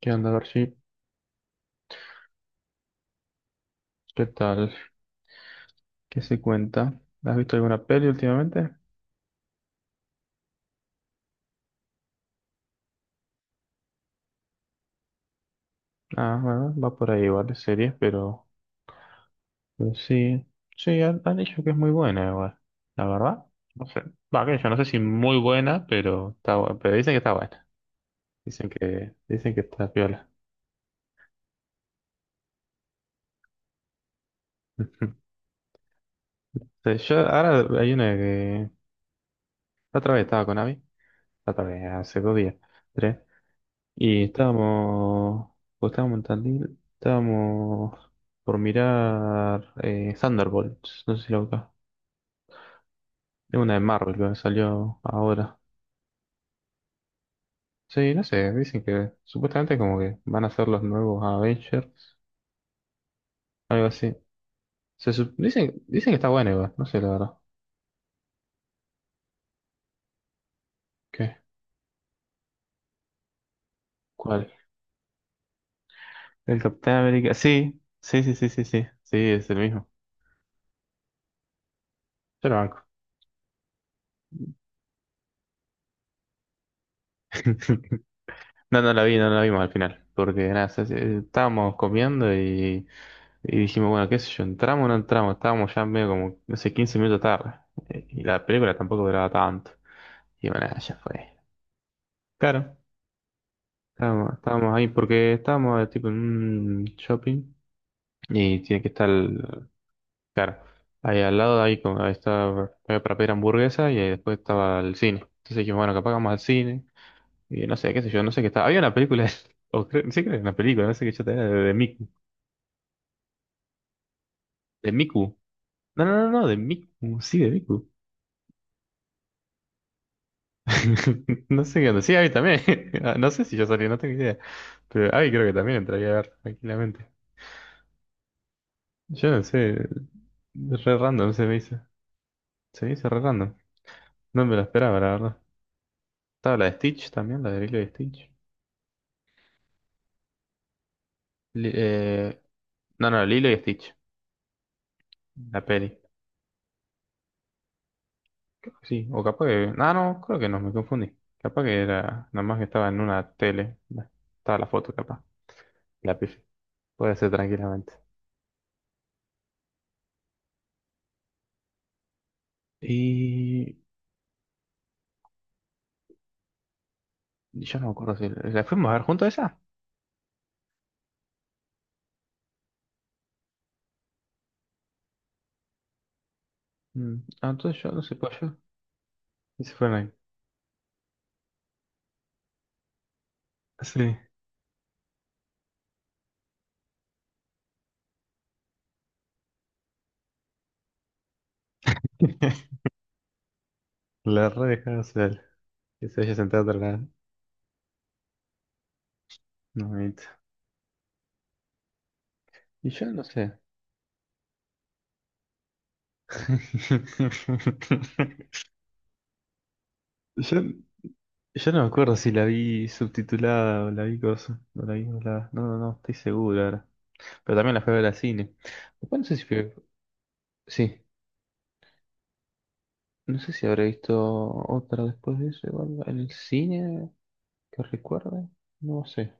¿Qué onda, Garchi? ¿Qué tal? ¿Qué se cuenta? ¿Has visto alguna peli últimamente? Ah, bueno, va por ahí igual de series, pero sí. Sí, han dicho que es muy buena igual. La verdad, no sé. Va, que yo no sé si muy buena, pero pero dicen que está buena. Dicen que está piola. Ujú. Yo ahora hay una que... La otra vez estaba con Abby. La otra vez, hace dos días. Tres. Y estábamos, o estábamos en Tandil, estábamos por mirar Thunderbolts, no sé si lo buscas. Es una de Marvel que salió ahora. Sí, no sé, dicen que supuestamente como que van a ser los nuevos Avengers, algo así. Dicen que está bueno igual, no sé la verdad. ¿Qué? ¿Cuál? El Capitán América, sí, sí, sí, sí, sí, sí, sí, es el mismo. Yo lo banco. No, no la vi, no la vimos al final, porque nada, estábamos comiendo y dijimos, bueno, qué sé yo, entramos o no entramos, estábamos ya medio como, no sé, 15 minutos tarde, y la película tampoco duraba tanto, y bueno, nada, ya fue. Claro, estábamos ahí porque estábamos tipo en un shopping y tiene que estar, claro, ahí al lado, ahí, como, ahí estaba, había para pedir hamburguesa y ahí después estaba el cine. Entonces dijimos, bueno, capaz que vamos al cine. Y no sé, qué sé yo, no sé qué está. Había una película, o creo, sí creo que era una película, no sé qué yo tenía, de Miku. De Miku. No, no, no, no, de Miku. Sí, de Miku. No sé qué onda. Sí, Abby también. Ah, no sé si yo salí, no tengo idea. Pero Abby creo que también entraría a ver tranquilamente. Yo no sé. Re random se me hizo. Se me hizo re random. No me lo esperaba, la verdad. Estaba la de Stitch también, la de Lilo y Stitch. Li- eh, no, no, Lilo y Stitch. La peli. Creo que sí, o capaz que... Ah, no, creo que no, me confundí. Capaz que era... Nada más que estaba en una tele. Bueno, estaba la foto, capaz. La pifé. Puede ser tranquilamente. Y... Yo no me acuerdo si... ¿La fuimos a ver juntos esa? Mm, Ah, entonces yo no sé, pues yo... Y se fueron ahí. Sí. La re dejaron hacer. Que se haya sentado atrás. No, amiguito. Y yo no sé. Yo, yo no me acuerdo si la vi subtitulada o la vi cosa. O la vi doblada. No, no, no, estoy seguro ahora. Pero también la fui a ver al cine. Después no sé si fui- sí, no sé si habré visto otra después de eso, igual en el cine que recuerde, no sé.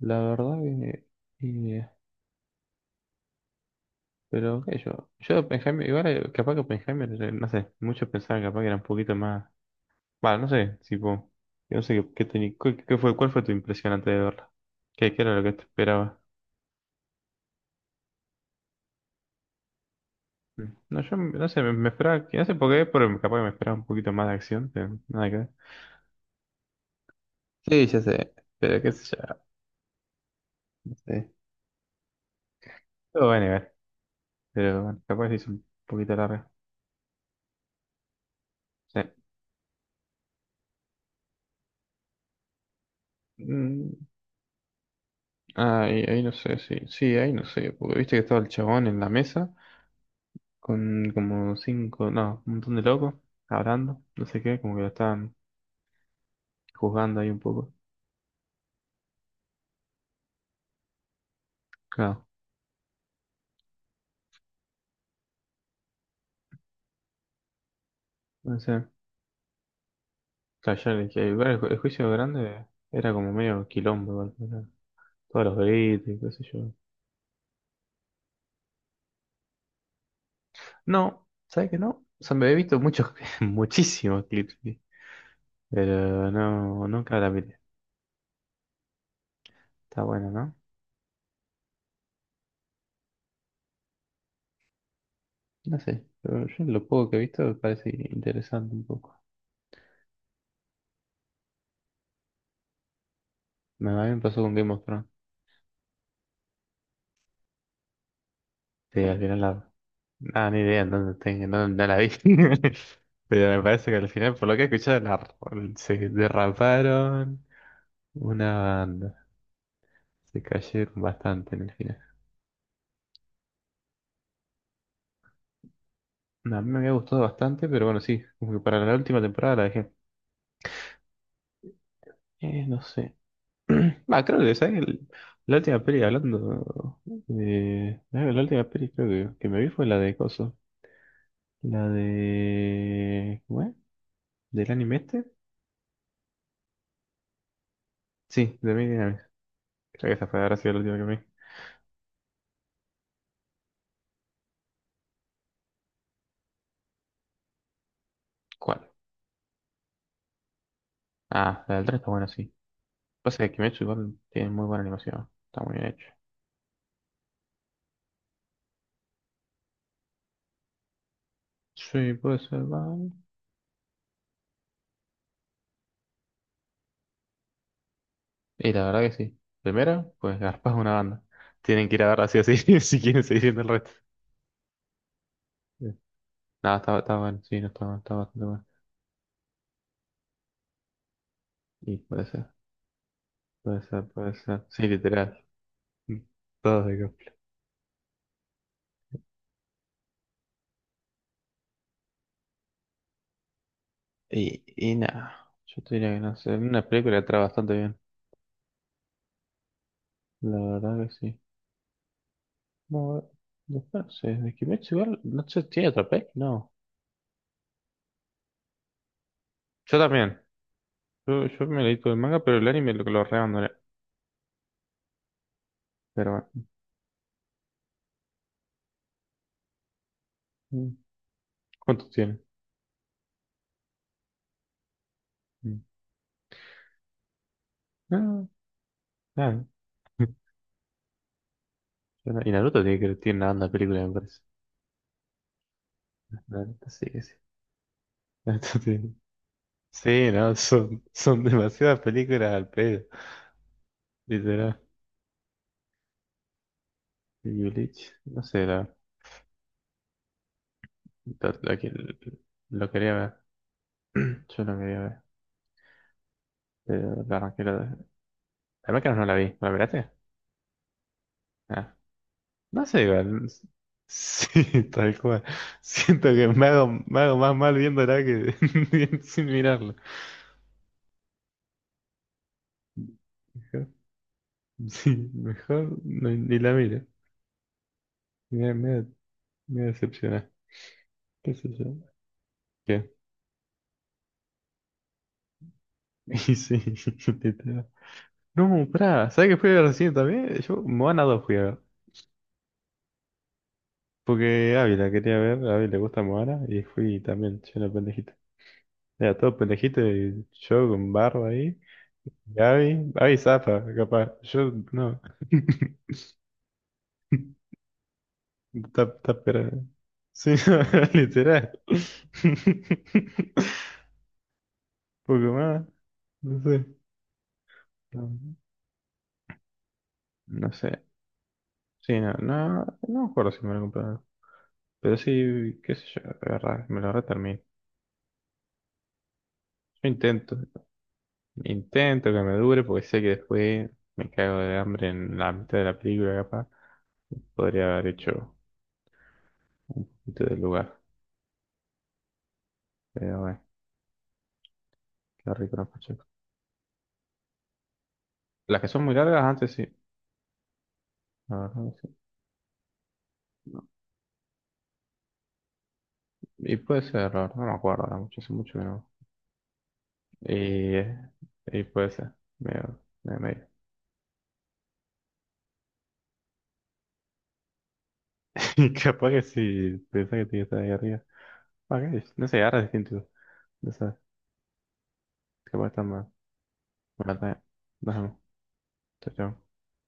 La verdad que eh, pero qué sé yo, yo de Oppenheimer, igual capaz que Oppenheimer, no sé, muchos pensaban capaz que era un poquito más, bueno, no sé, tipo, yo no sé qué, qué fue, cuál fue tu impresión antes de verla, qué era lo que te esperaba. Mm. No, yo no sé, me esperaba, no sé por qué, pero capaz que me esperaba un poquito más de acción, pero nada que ver. Sí, ya sé, pero qué sé yo. Sí. Todo va a nivel, pero bueno, capaz es un poquito larga. Sí. Mm, ahí no sé, sí, sí, ahí no sé, porque viste que estaba el chabón en la mesa con como cinco, no, un montón de locos hablando, no sé qué, como que lo estaban juzgando ahí un poco. Claro, no sé. Claro, ya le dije, igual el juicio grande era como medio quilombo, igual, o sea, todos los gritos y qué sé yo. No, ¿sabes qué no? O sea, me he visto muchos, muchísimos clips. Sí. Pero no, nunca la miré. Está bueno, ¿no? No sé, pero yo lo poco que he visto me parece interesante un poco. A mí me pasó con Game of Thrones. Sí, al final la... Ah, ni idea en dónde, tengo, en dónde la vi. Pero me parece que al final, por lo que he escuchado, se derraparon una banda. Se cayeron bastante en el final. No, a mí me había gustado bastante, pero bueno, sí, como que para la última temporada la dejé. No sé. Bah, creo que, ¿sabes? La última peli hablando de... la última peli creo que me vi fue la de Coso. La de... ¿Cómo es? ¿Del anime este? Sí, de Maid in Abyss. Creo que esa fue, habrá sido la última que me vi. ¿Cuál? Ah, la del 3 está buena, sí. Pasa que Kimetsu igual tiene muy buena animación. Está muy bien hecho. Sí, puede ser, va. Y la verdad que sí. Primero, pues garpas una banda. Tienen que ir a verla así o así si quieren seguir viendo el resto. Sí. Nada, está bueno, sí, no está bueno, está bastante bueno. Y puede ser. Puede ser, puede ser. Sí, literal. Mm, todos de cosplay. Y nada, yo te diría que no sé. Una película está bastante bien. La verdad que sí. No, después no sé. De Kimetsu igual, no sé, ¿tiene otra peli? No. Yo también. Yo me leí todo el manga, pero el anime lo reabandoné. Pero bueno. Mm. ¿Cuántos tiene? Mm. No, nada. Yo no- Y Naruto tiene que tiene una banda de película, me parece. Naruto sí que sí. Naruto tiene- Sí, no, son demasiadas películas al pedo, literal. Yulich, no sé, la que- lo quería ver. Yo lo quería ver. Pero la arranqué la. La Máquina no la vi. ¿La miraste? Ah, no sé, igual. Sí, tal cual. Siento que me hago más mal viéndola que sin mirarla. Mejor- Sí, mejor no- ni la miro. Me, me, me decepciona. ¿Qué sé yo? ¿Qué? Y sí, literal. No, pará, ¿sabes qué fui a ver recién también? Yo, Moana 2 fui a ver. Porque Ávila quería ver, a Ávila le gusta Moana y fui también lleno de pendejitos. Era todo pendejito y yo con barba ahí. Gaby zafa, capaz. Yo no. Está pero- Sí, no, literal. Poco más. No sé. No, no sé. Sí, no, no, no me acuerdo si me lo compraron. Pero sí, qué sé yo, agarrar, me lo reterminé. Yo intento. Intento que me dure porque sé que después me cago de hambre en la mitad de la película, capaz. Podría haber hecho un poquito del lugar. Pero bueno, qué rico los pachecos. Las que son muy largas antes sí. La verdad que sí. No. Y puede ser, la verdad, no me acuerdo ahora mucho, hace mucho que no. Y, eh, y puede ser, medio, medio, medio. Y capaz que si pensás que tiene que estar ahí arriba. Ah, qué No sé, ahora es distinto. No sé, capaz está más. Bueno, está bien. Nos vemos. Chao, chao.